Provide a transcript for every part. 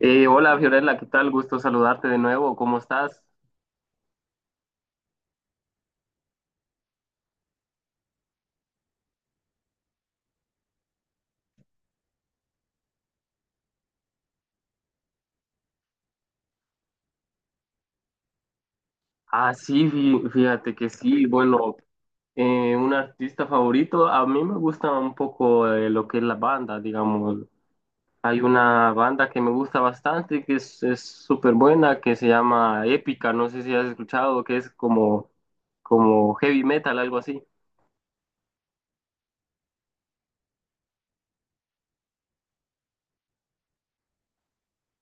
Hola Fiorella, ¿qué tal? Gusto saludarte de nuevo, ¿cómo estás? Ah, sí, fíjate que sí, bueno, un artista favorito, a mí me gusta un poco lo que es la banda, digamos. Hay una banda que me gusta bastante, que es súper buena, que se llama Épica, no sé si has escuchado, que es como, como heavy metal, algo así.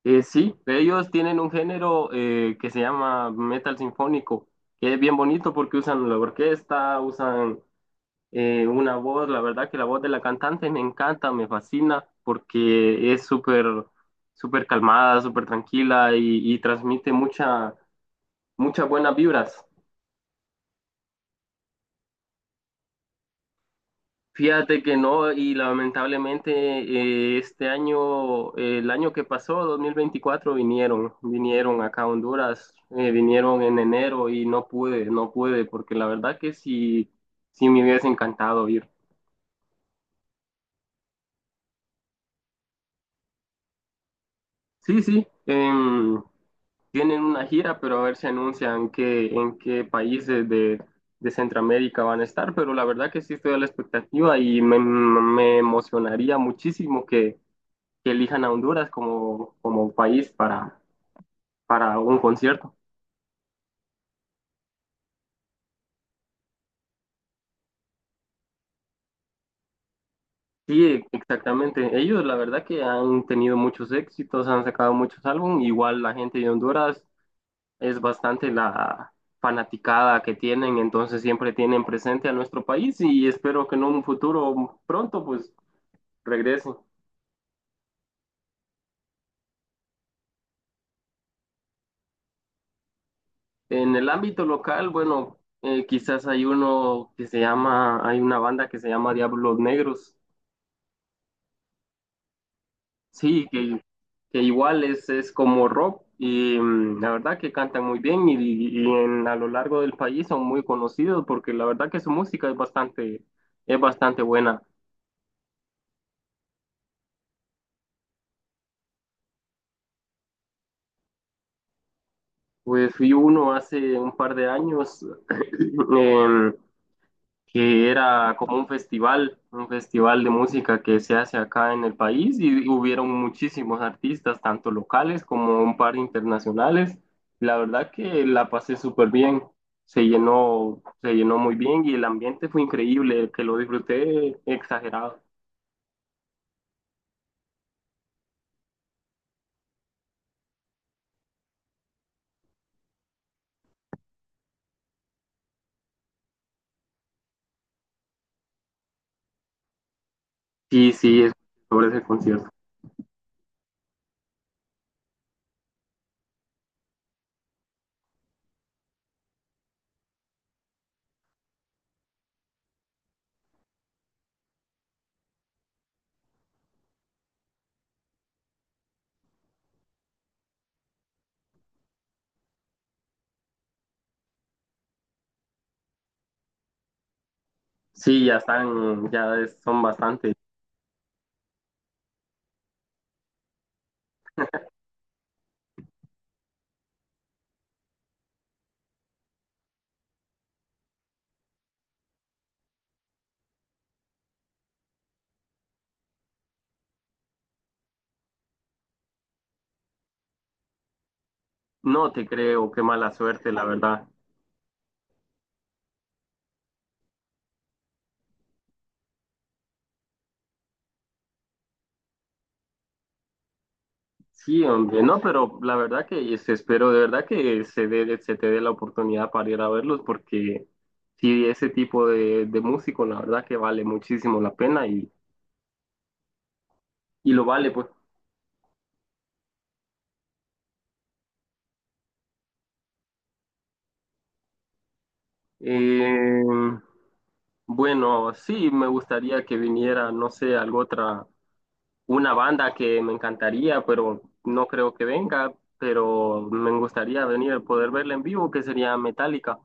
Sí, ellos tienen un género que se llama metal sinfónico, que es bien bonito porque usan la orquesta, usan una voz, la verdad que la voz de la cantante me encanta, me fascina, porque es súper, súper calmada, súper tranquila y transmite mucha, muchas buenas vibras. Fíjate que no, y lamentablemente este año, el año que pasó, 2024 vinieron, acá a Honduras, vinieron en enero y no pude, no pude, porque la verdad que sí, sí me hubiese encantado ir. Sí, sí. Tienen una gira, pero a ver si anuncian qué, en qué países de Centroamérica van a estar. Pero la verdad que sí estoy a la expectativa y me emocionaría muchísimo que elijan a Honduras como, como país para un concierto. Sí, exactamente. Ellos la verdad que han tenido muchos éxitos, han sacado muchos álbumes. Igual la gente de Honduras es bastante la fanaticada que tienen, entonces siempre tienen presente a nuestro país y espero que en un futuro pronto pues regrese. En el ámbito local, bueno, quizás hay uno que se llama, hay una banda que se llama Diablos Negros, sí, que igual es como rock y la verdad que cantan muy bien y en, a lo largo del país son muy conocidos porque la verdad que su música es bastante buena. Pues fui uno hace un par de años. em, que era como un festival de música que se hace acá en el país y hubieron muchísimos artistas, tanto locales como un par internacionales. La verdad que la pasé súper bien, se llenó muy bien y el ambiente fue increíble, que lo disfruté exagerado. Sí, sí, es sobre ese concierto. Sí, ya están, son bastante. No te creo, qué mala suerte, la verdad. Sí, hombre, no, pero la verdad que espero de verdad que se dé, se te dé la oportunidad para ir a verlos porque sí, ese tipo de músico la verdad que vale muchísimo la pena y lo vale, pues. Eh, bueno, sí, me gustaría que viniera, no sé, algo otra, una banda que me encantaría, pero no creo que venga, pero me gustaría venir, poder verla en vivo, que sería Metallica.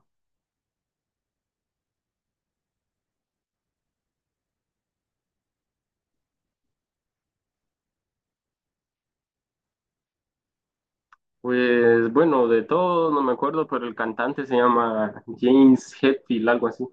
Pues bueno, de todo no me acuerdo, pero el cantante se llama James Hetfield, algo así.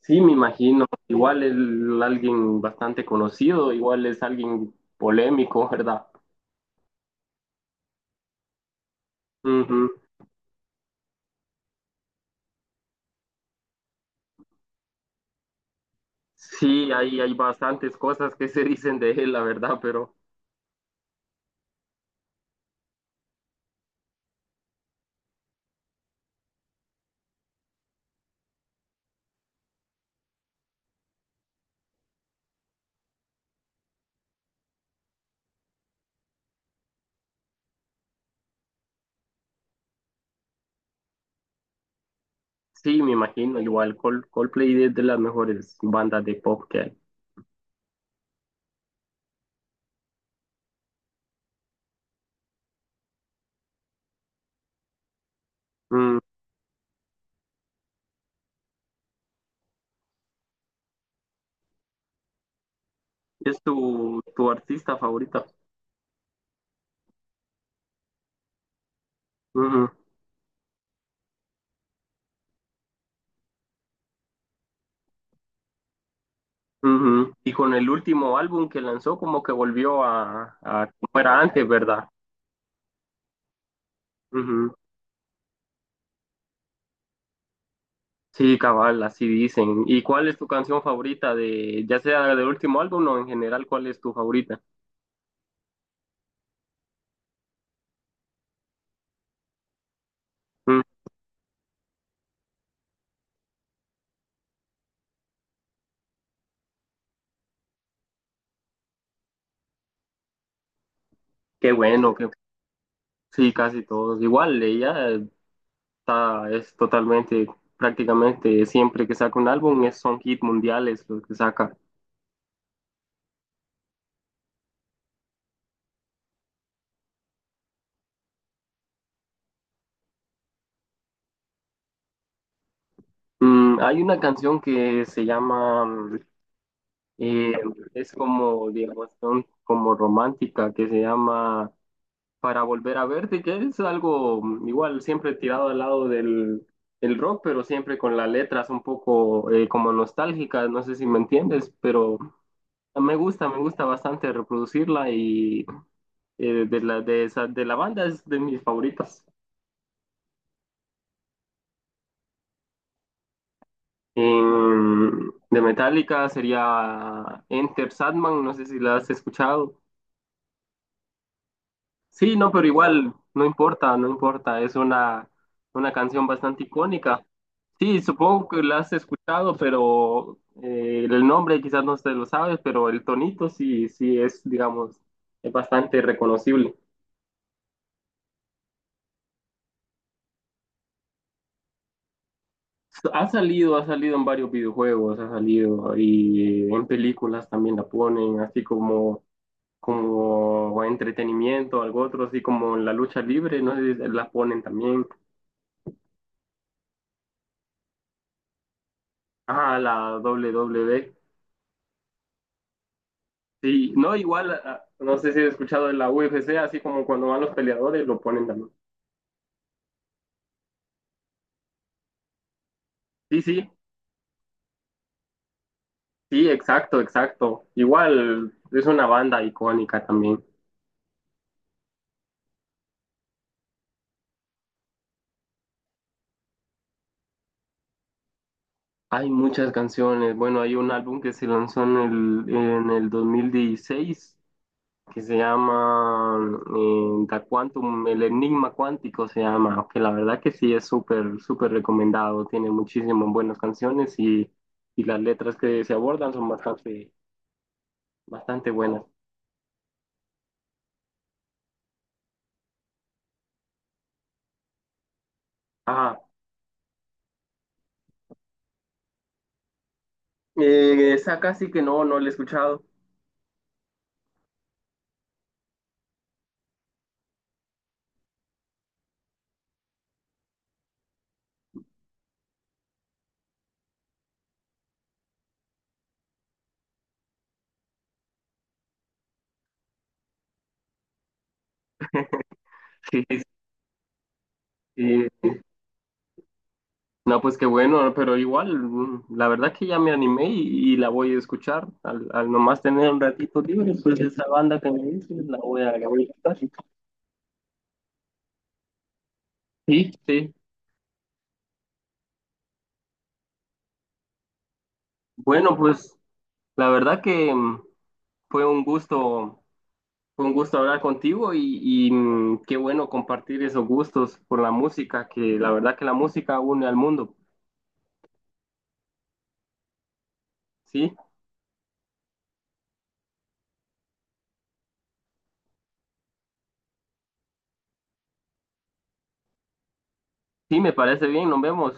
Sí, me imagino. Igual es alguien bastante conocido, igual es alguien polémico, ¿verdad? Ujú. Sí, hay bastantes cosas que se dicen de él, la verdad, pero sí, me imagino. Igual Coldplay es de las mejores bandas de pop que hay. Mm. ¿Es tu, tu artista favorita? Ujú. Y con el último álbum que lanzó, como que volvió a como era antes, ¿verdad? Ujú. Sí, cabal, así dicen. ¿Y cuál es tu canción favorita de, ya sea del último álbum o en general, cuál es tu favorita? Mm. Qué bueno, que sí, casi todos. Igual, ella está, es totalmente, prácticamente siempre que saca un álbum es, son hit mundiales los que saca. Hay una canción que se llama, eh, es como, digamos, son como romántica, que se llama para volver a verte, que es algo igual siempre tirado al lado del el rock, pero siempre con las letras un poco como nostálgicas, no sé si me entiendes, pero me gusta bastante reproducirla y de la, de esa, de la banda es de mis favoritas. De Metallica sería Enter Sandman, no sé si la has escuchado. Sí, no, pero igual, no importa, no importa, es una canción bastante icónica. Sí, supongo que la has escuchado, pero el nombre quizás no se lo sabes, pero el tonito sí, sí es, digamos, es bastante reconocible. Ha salido en varios videojuegos, ha salido y en películas también la ponen, así como, como entretenimiento, algo otro, así como en la lucha libre, no sé si la ponen también. Ah, la WWE. Sí, no, igual, ah, no sé si has escuchado de la UFC, así como cuando van los peleadores lo ponen también. Sí, sí, sí, exacto, exacto. Igual es una banda icónica también. Hay muchas canciones. Bueno, hay un álbum que se lanzó en el 2016 que se llama Da Quantum, El Enigma Cuántico se llama, que la verdad que sí es súper, súper recomendado. Tiene muchísimas buenas canciones y las letras que se abordan son bastante, bastante buenas. Ah. Esa casi que no, no la he escuchado. Sí, sí, sí. No, pues qué bueno, pero igual, la verdad que ya me animé y la voy a escuchar. Al, al nomás tener un ratito libre, pues esa banda que me dices, la voy a escuchar. Sí, sí. Bueno, pues la verdad que fue un gusto, fue un gusto hablar contigo y, qué bueno compartir esos gustos por la música, que la verdad que la música une al mundo. Sí, sí, me parece bien, nos vemos.